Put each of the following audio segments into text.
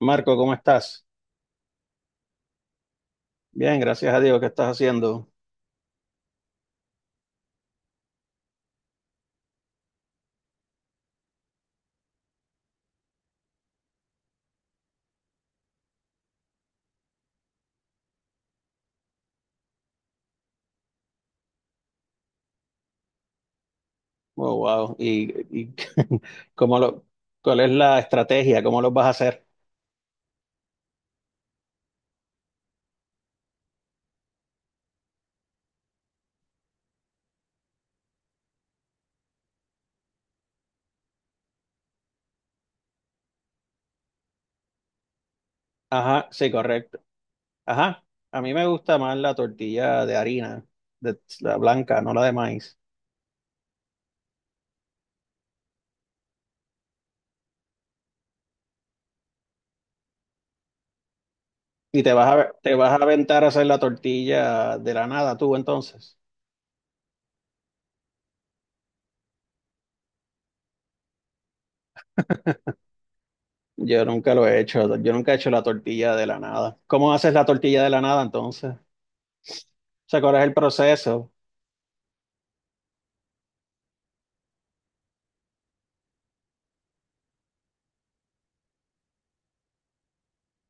Marco, ¿cómo estás? Bien, gracias a Dios. ¿Qué estás haciendo? Oh, wow. Y cómo lo, ¿cuál es la estrategia? ¿Cómo lo vas a hacer? Ajá, sí, correcto. Ajá, a mí me gusta más la tortilla de harina, de, la blanca, no la de maíz. ¿Y te vas a aventar a hacer la tortilla de la nada tú entonces? Yo nunca lo he hecho. Yo nunca he hecho la tortilla de la nada. ¿Cómo haces la tortilla de la nada entonces? O sea, ¿cuál es el proceso?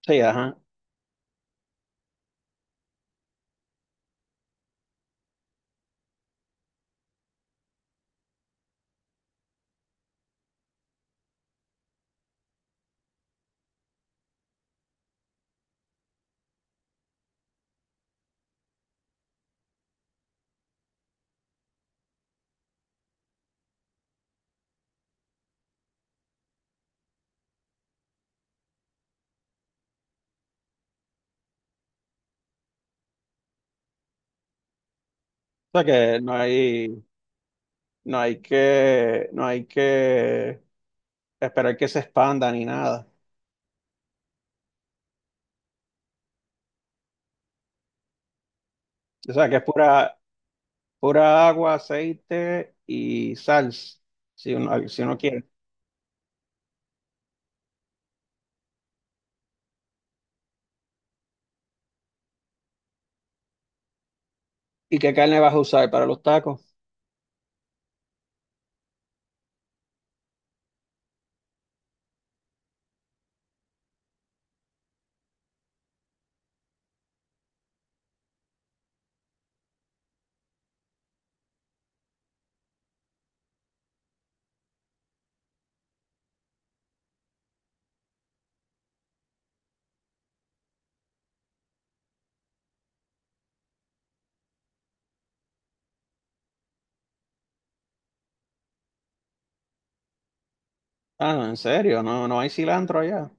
Sí, ajá. O sea que no hay. No hay que esperar que se expanda ni nada. O sea, pura agua, aceite y sal si uno quiere. ¿Y qué carne vas a usar para los tacos? Ah, no, en serio, no, no hay cilantro allá.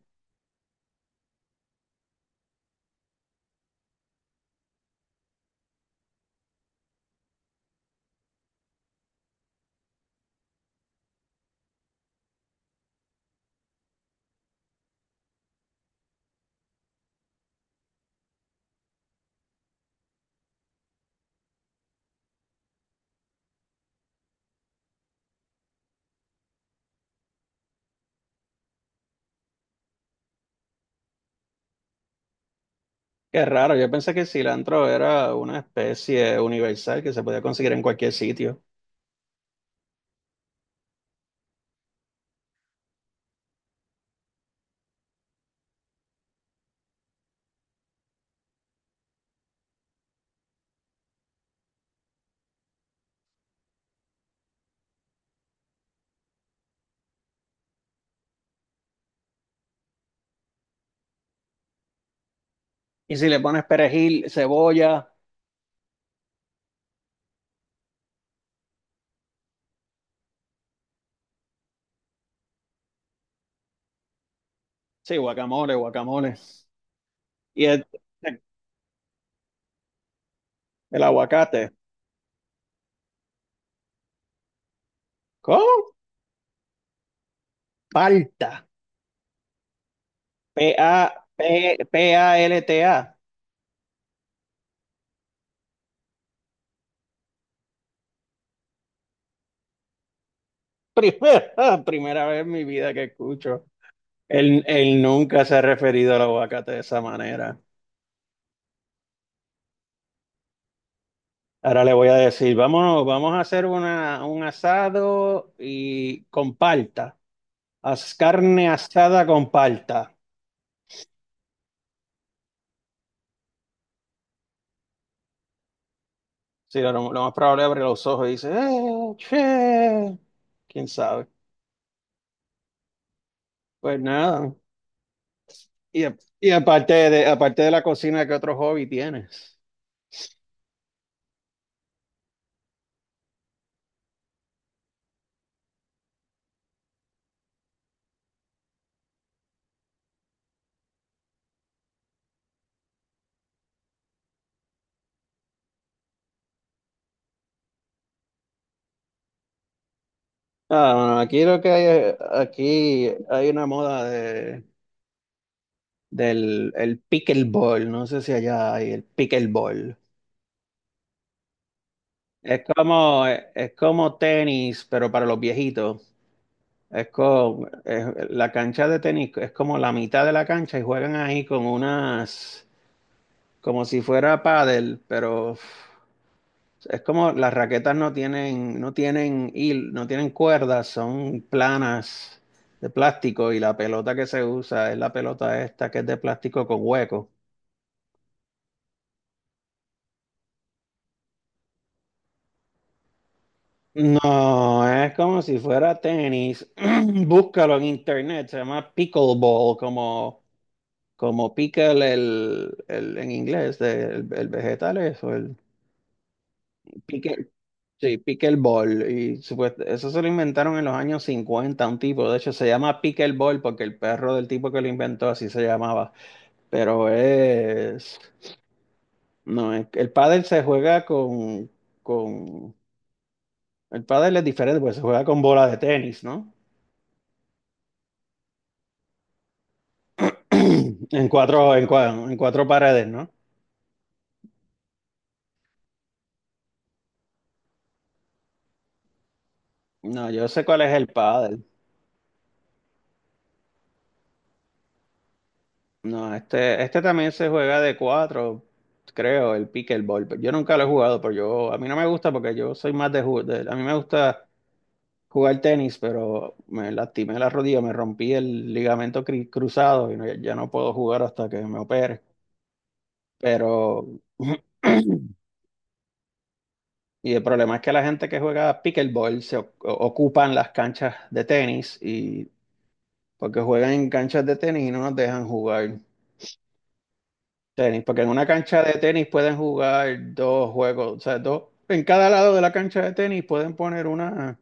Qué raro, yo pensé que el cilantro era una especie universal que se podía conseguir en cualquier sitio. Y si le pones perejil, cebolla, sí, guacamole, guacamole. Y el, el aguacate, ¿cómo? Palta. P-A-L-T-A. Primera, primera vez en mi vida que escucho. Él nunca se ha referido al aguacate de esa manera. Ahora le voy a decir, vamos a hacer un asado y con palta. Haz carne asada con palta. Sí, lo más probable abre los ojos y dice, che". ¿Quién sabe? Pues nada. Y aparte de la cocina, ¿qué otro hobby tienes? Ah, bueno, aquí lo que hay, aquí hay una moda de, del el pickleball, no sé si allá hay el pickleball. Es como tenis, pero para los viejitos. La cancha de tenis es como la mitad de la cancha y juegan ahí con unas, como si fuera pádel, pero es como las raquetas no tienen, no tienen cuerdas, son planas de plástico y la pelota que se usa es la pelota esta que es de plástico con hueco. No, es como si fuera tenis. Búscalo en internet, se llama pickleball, como, como pickle en inglés, el vegetal eso el pique. Sí, pickleball. Y eso se lo inventaron en los años 50 un tipo. De hecho, se llama pickleball porque el perro del tipo que lo inventó así se llamaba. Pero es... No, el pádel se juega con... El pádel es diferente porque se juega con bola de tenis, ¿no? En cuatro paredes, ¿no? No, yo sé cuál es el pádel. No, este también se juega de cuatro, creo, el pickleball. Pero yo nunca lo he jugado, pero yo, a mí no me gusta porque yo soy más de, a mí me gusta jugar tenis, pero me lastimé la rodilla, me rompí el ligamento cruzado y ya no puedo jugar hasta que me opere. Pero y el problema es que la gente que juega pickleball se ocupan las canchas de tenis y porque juegan en canchas de tenis y no nos dejan jugar. Tenis, porque en una cancha de tenis pueden jugar dos juegos, o sea, dos, en cada lado de la cancha de tenis pueden poner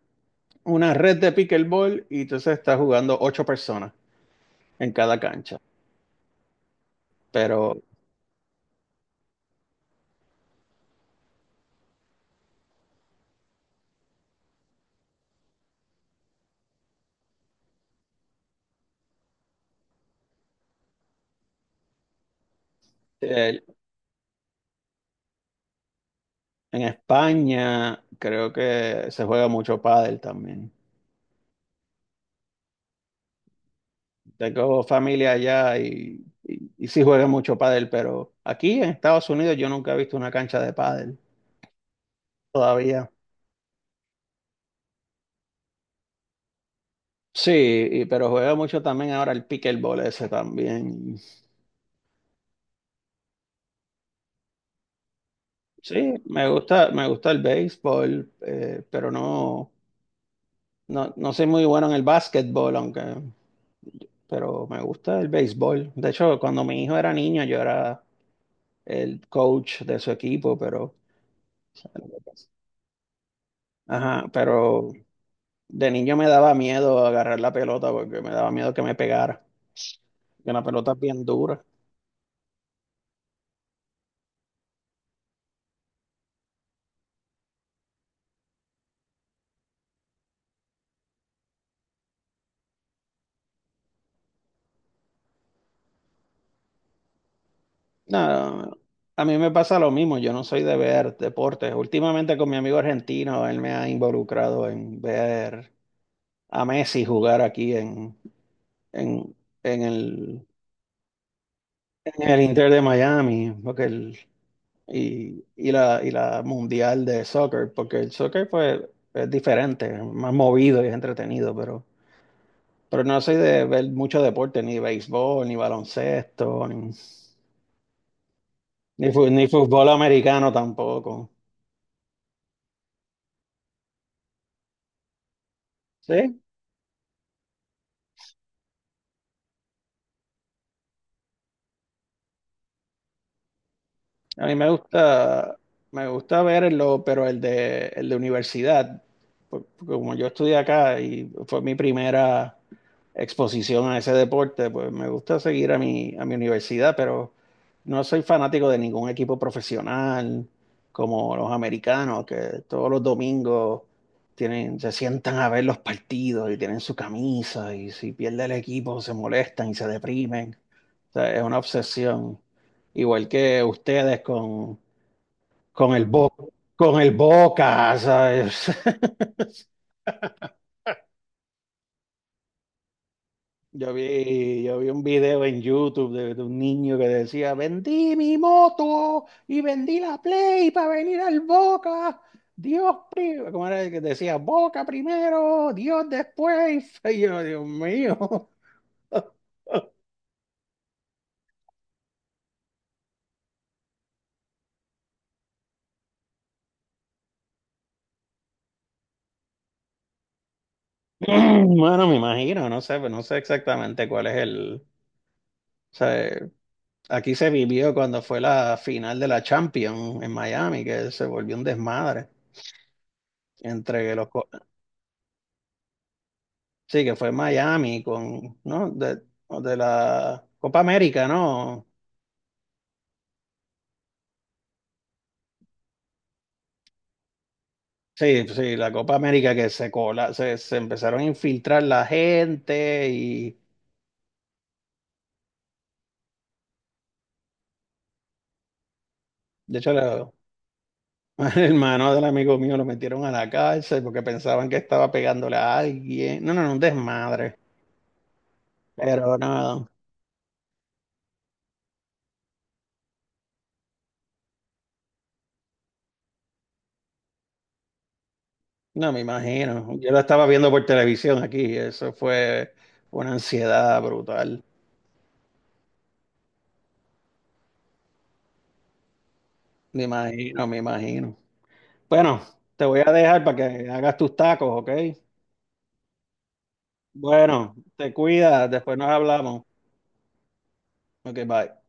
una red de pickleball y entonces está jugando ocho personas en cada cancha. Pero eh, en España creo que se juega mucho pádel también. Tengo familia allá y sí juega mucho pádel, pero aquí en Estados Unidos yo nunca he visto una cancha de pádel todavía. Sí, y pero juega mucho también ahora el pickleball ese también. Sí, me gusta el béisbol, pero no, no, no soy muy bueno en el básquetbol, aunque, pero me gusta el béisbol. De hecho, cuando mi hijo era niño, yo era el coach de su equipo, pero, ajá, pero de niño me daba miedo agarrar la pelota porque me daba miedo que me pegara, que la pelota es bien dura. No, a mí me pasa lo mismo, yo no soy de ver deportes. Últimamente con mi amigo argentino, él me ha involucrado en ver a Messi jugar aquí en, en el, en el Inter de Miami, porque el, y la Mundial de Soccer, porque el soccer pues es diferente, es más movido y es entretenido, pero no soy de ver mucho deporte, ni béisbol, ni baloncesto, ni fútbol americano tampoco. Sí, a mí me gusta verlo, pero el de universidad, porque como yo estudié acá y fue mi primera exposición a ese deporte, pues me gusta seguir a a mi universidad, pero no soy fanático de ningún equipo profesional como los americanos, que todos los domingos tienen, se sientan a ver los partidos y tienen su camisa y si pierde el equipo se molestan y se deprimen. O sea, es una obsesión. Igual que ustedes con, con el Bo- con el Boca, ¿sabes? Yo vi un video en YouTube de un niño que decía, vendí mi moto y vendí la Play para venir al Boca. Dios primero, ¿cómo era el que decía? Boca primero, Dios después. Y yo, Dios mío. Bueno, me imagino, no sé, no sé exactamente cuál es el... o sea, aquí se vivió cuando fue la final de la Champions en Miami, que se volvió un desmadre entre los... Sí, que fue en Miami con, ¿no? De la Copa América, ¿no? Sí, sí, la Copa América que se cola, se empezaron a infiltrar la gente y de hecho la- el hermano del amigo mío lo metieron a la cárcel porque pensaban que estaba pegándole a alguien. No, no, no, un desmadre. Pero no, no me imagino. Yo lo estaba viendo por televisión aquí, eso fue una ansiedad brutal. Me imagino, me imagino. Bueno, te voy a dejar para que hagas tus tacos, ¿ok? Bueno, te cuidas, después nos hablamos. Ok, bye.